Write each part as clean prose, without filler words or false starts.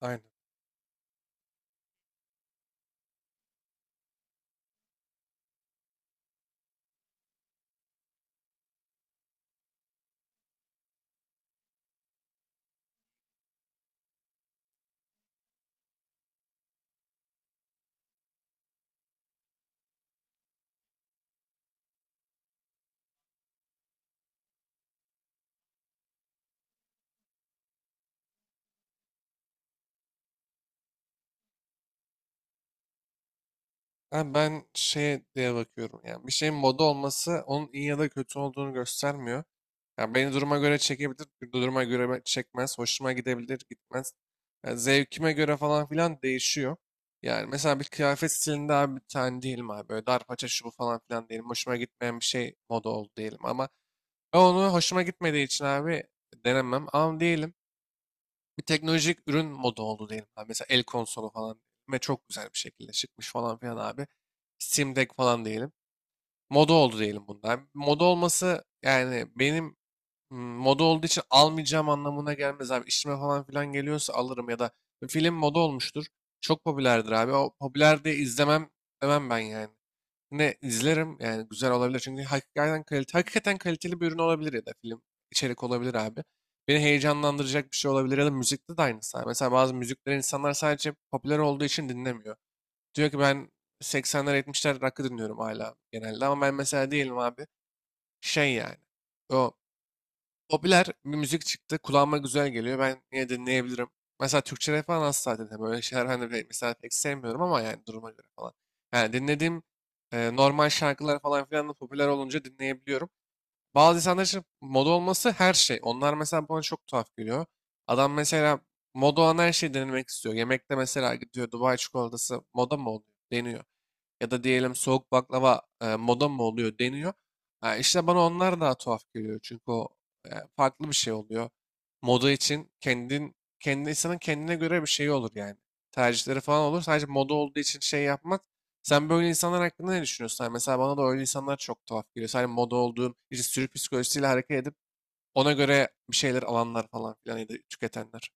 Aynen. Ben şeye diye bakıyorum. Yani bir şeyin moda olması onun iyi ya da kötü olduğunu göstermiyor. Yani beni duruma göre çekebilir, duruma göre çekmez, hoşuma gidebilir, gitmez. Yani zevkime göre falan filan değişiyor. Yani mesela bir kıyafet stilinde abi bir tane değilim abi. Böyle dar paça şu bu falan filan değilim. Hoşuma gitmeyen bir şey moda oldu diyelim ama ben onu hoşuma gitmediği için abi denemem. Ama diyelim bir teknolojik ürün moda oldu diyelim abi. Mesela el konsolu falan ve çok güzel bir şekilde çıkmış falan filan abi. Steam Deck falan diyelim. Moda oldu diyelim bunlar. Moda olması yani benim moda olduğu için almayacağım anlamına gelmez abi. İşime falan filan geliyorsa alırım ya da film moda olmuştur. Çok popülerdir abi. O popüler diye izlemem demem ben yani. Ne izlerim yani, güzel olabilir çünkü hakikaten kalite, hakikaten kaliteli bir ürün olabilir ya da film içerik olabilir abi. Beni heyecanlandıracak bir şey olabilir ya da müzikte de aynısı abi. Mesela bazı müzikleri insanlar sadece popüler olduğu için dinlemiyor. Diyor ki ben 80'ler 70'ler rock'ı dinliyorum hala, genelde. Ama ben mesela değilim abi şey yani. O popüler bir müzik çıktı. Kulağıma güzel geliyor. Ben yine dinleyebilirim. Mesela Türkçe rap falan asla dinlemiyorum. Öyle şeyler ben de mesela pek sevmiyorum ama yani duruma göre falan. Yani dinlediğim normal şarkılar falan filan da popüler olunca dinleyebiliyorum. Bazı insanlar için moda olması her şey. Onlar mesela bana çok tuhaf geliyor. Adam mesela moda olan her şeyi denemek istiyor. Yemekte mesela gidiyor, Dubai çikolatası moda mı oluyor? Deniyor. Ya da diyelim soğuk baklava moda mı oluyor, deniyor. Ha, işte bana onlar daha tuhaf geliyor. Çünkü o e, farklı bir şey oluyor. Moda için kendin, kendi insanın kendine göre bir şeyi olur yani. Tercihleri falan olur. Sadece moda olduğu için şey yapmak. Sen böyle insanlar hakkında ne düşünüyorsun? Yani mesela bana da öyle insanlar çok tuhaf geliyor. Sadece moda olduğum, işte sürü psikolojisiyle hareket edip ona göre bir şeyler alanlar falan filan ya da tüketenler.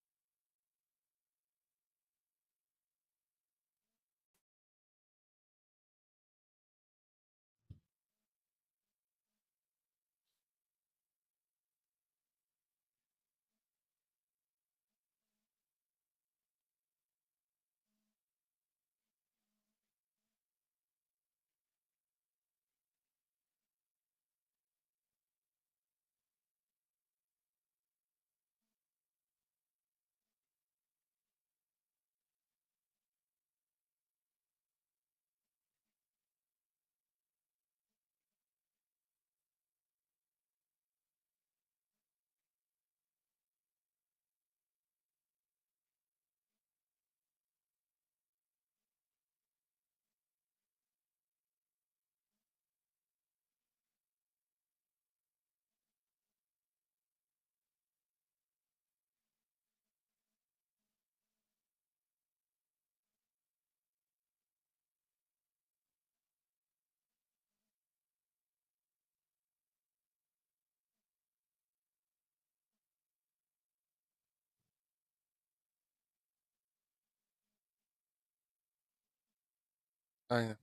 Aynen.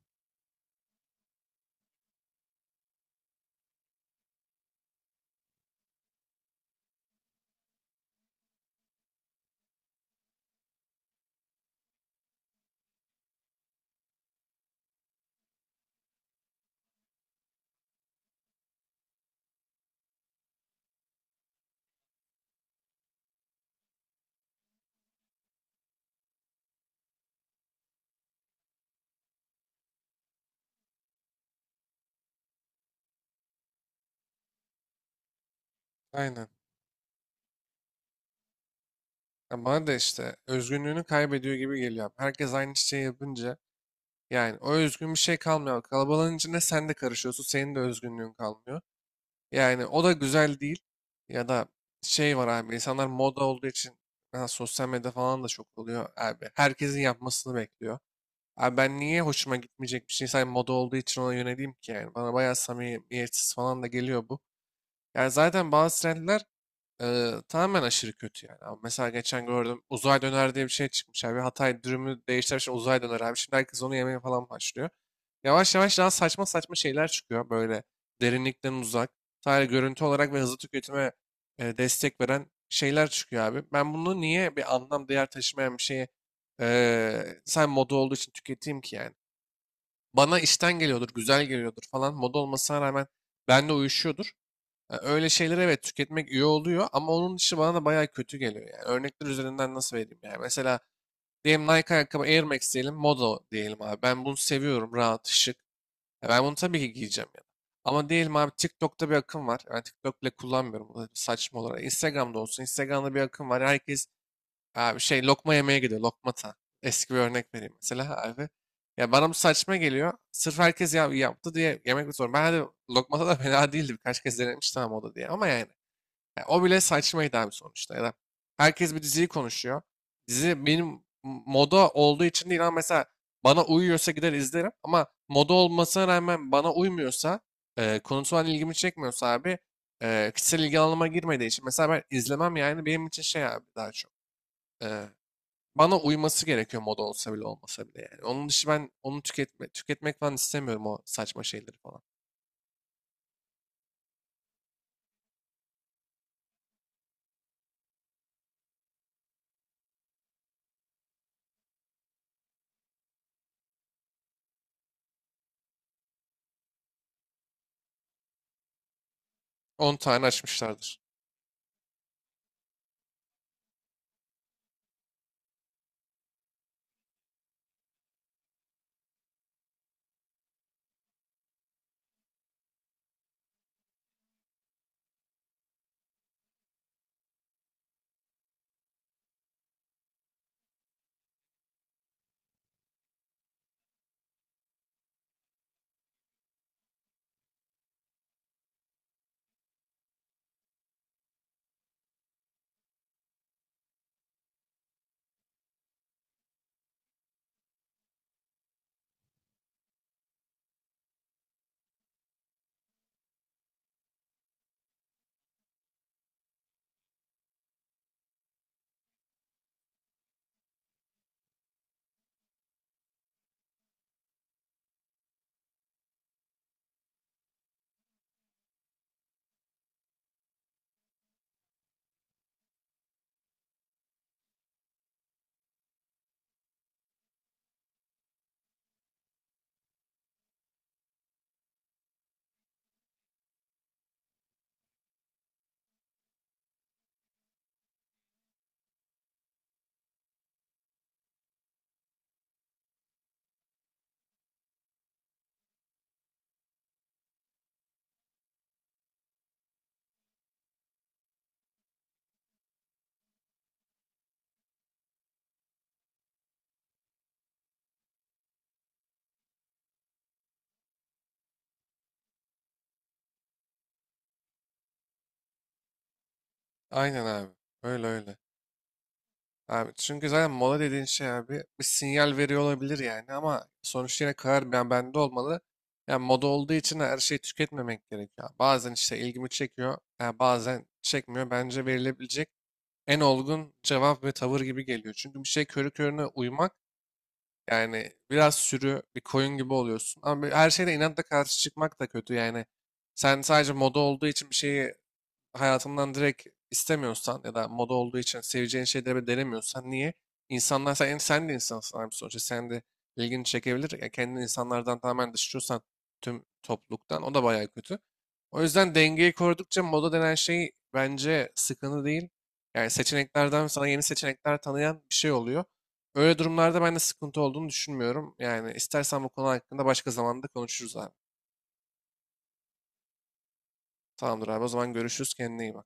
Aynen. Ya bana da işte özgünlüğünü kaybediyor gibi geliyor. Herkes aynı şeyi yapınca yani o özgün bir şey kalmıyor. Kalabalığın içinde sen de karışıyorsun. Senin de özgünlüğün kalmıyor. Yani o da güzel değil. Ya da şey var abi, insanlar moda olduğu için, ha, sosyal medya falan da çok oluyor abi. Herkesin yapmasını bekliyor. Abi ben niye hoşuma gitmeyecek bir şey sadece moda olduğu için ona yöneleyim ki yani. Bana bayağı samimiyetsiz falan da geliyor bu. Yani zaten bazı trendler tamamen aşırı kötü yani. Ama mesela geçen gördüm, uzay döner diye bir şey çıkmış abi. Hatay dürümü değiştirmiş uzay döner abi. Şimdi herkes onu yemeye falan başlıyor. Yavaş yavaş daha saçma saçma şeyler çıkıyor, böyle derinlikten uzak. Sadece görüntü olarak ve hızlı tüketime destek veren şeyler çıkıyor abi. Ben bunu niye, bir anlam değer taşımayan bir şeyi sen moda olduğu için tüketeyim ki yani. Bana işten geliyordur, güzel geliyordur falan. Moda olmasına rağmen benimle uyuşuyordur. E, öyle şeyler evet tüketmek iyi oluyor ama onun dışı bana da bayağı kötü geliyor. Yani örnekler üzerinden nasıl vereyim yani. Mesela diyelim Nike ayakkabı, Air Max diyelim, moda diyelim abi. Ben bunu seviyorum, rahat, şık. E, ben bunu tabii ki giyeceğim yani. Ama diyelim abi, TikTok'ta bir akım var. Ben TikTok bile kullanmıyorum, bu da saçma olarak. Instagram'da olsun. Instagram'da bir akım var. Herkes abi şey, lokma yemeye gidiyor. Lokmata. Eski bir örnek vereyim mesela abi. Ya bana bu saçma geliyor. Sırf herkes ya, yaptı diye yemek mi sorun. Ben de lokmata da fena değildi. Birkaç kez denemiştim ama o da diye. Ama yani, yani o bile saçmaydı abi sonuçta. Ya da herkes bir diziyi konuşuyor. Dizi benim moda olduğu için değil ama mesela bana uyuyorsa gider izlerim. Ama moda olmasına rağmen bana uymuyorsa, konusu ilgimi çekmiyorsa abi, kişisel ilgi alanıma girmediği için, mesela ben izlemem yani. Benim için şey abi daha çok, e, bana uyması gerekiyor, moda olsa bile olmasa bile yani. Onun dışı ben onu tüketmek falan istemiyorum, o saçma şeyleri falan. 10 tane açmışlardır. Aynen abi. Öyle öyle. Abi çünkü zaten mola dediğin şey abi bir sinyal veriyor olabilir yani ama sonuçta yine karar bende olmalı. Yani moda olduğu için her şeyi tüketmemek gerekiyor. Bazen işte ilgimi çekiyor, yani bazen çekmiyor. Bence verilebilecek en olgun cevap ve tavır gibi geliyor. Çünkü bir şey körü körüne uymak, yani biraz sürü bir koyun gibi oluyorsun. Ama her şeyde inatla karşı çıkmak da kötü yani. Sen sadece moda olduğu için bir şeyi hayatından direkt istemiyorsan ya da moda olduğu için seveceğin şeyleri bile denemiyorsan, niye? İnsanlar, sen de insansın abi sonuçta. Sen de ilgini çekebilir. Ya kendini insanlardan tamamen dışlıyorsan, tüm topluluktan, o da bayağı kötü. O yüzden dengeyi korudukça moda denen şey bence sıkıntı değil. Yani seçeneklerden sana yeni seçenekler tanıyan bir şey oluyor. Öyle durumlarda ben de sıkıntı olduğunu düşünmüyorum. Yani istersen bu konu hakkında başka zamanda konuşuruz abi. Tamamdır abi, o zaman görüşürüz, kendine iyi bak.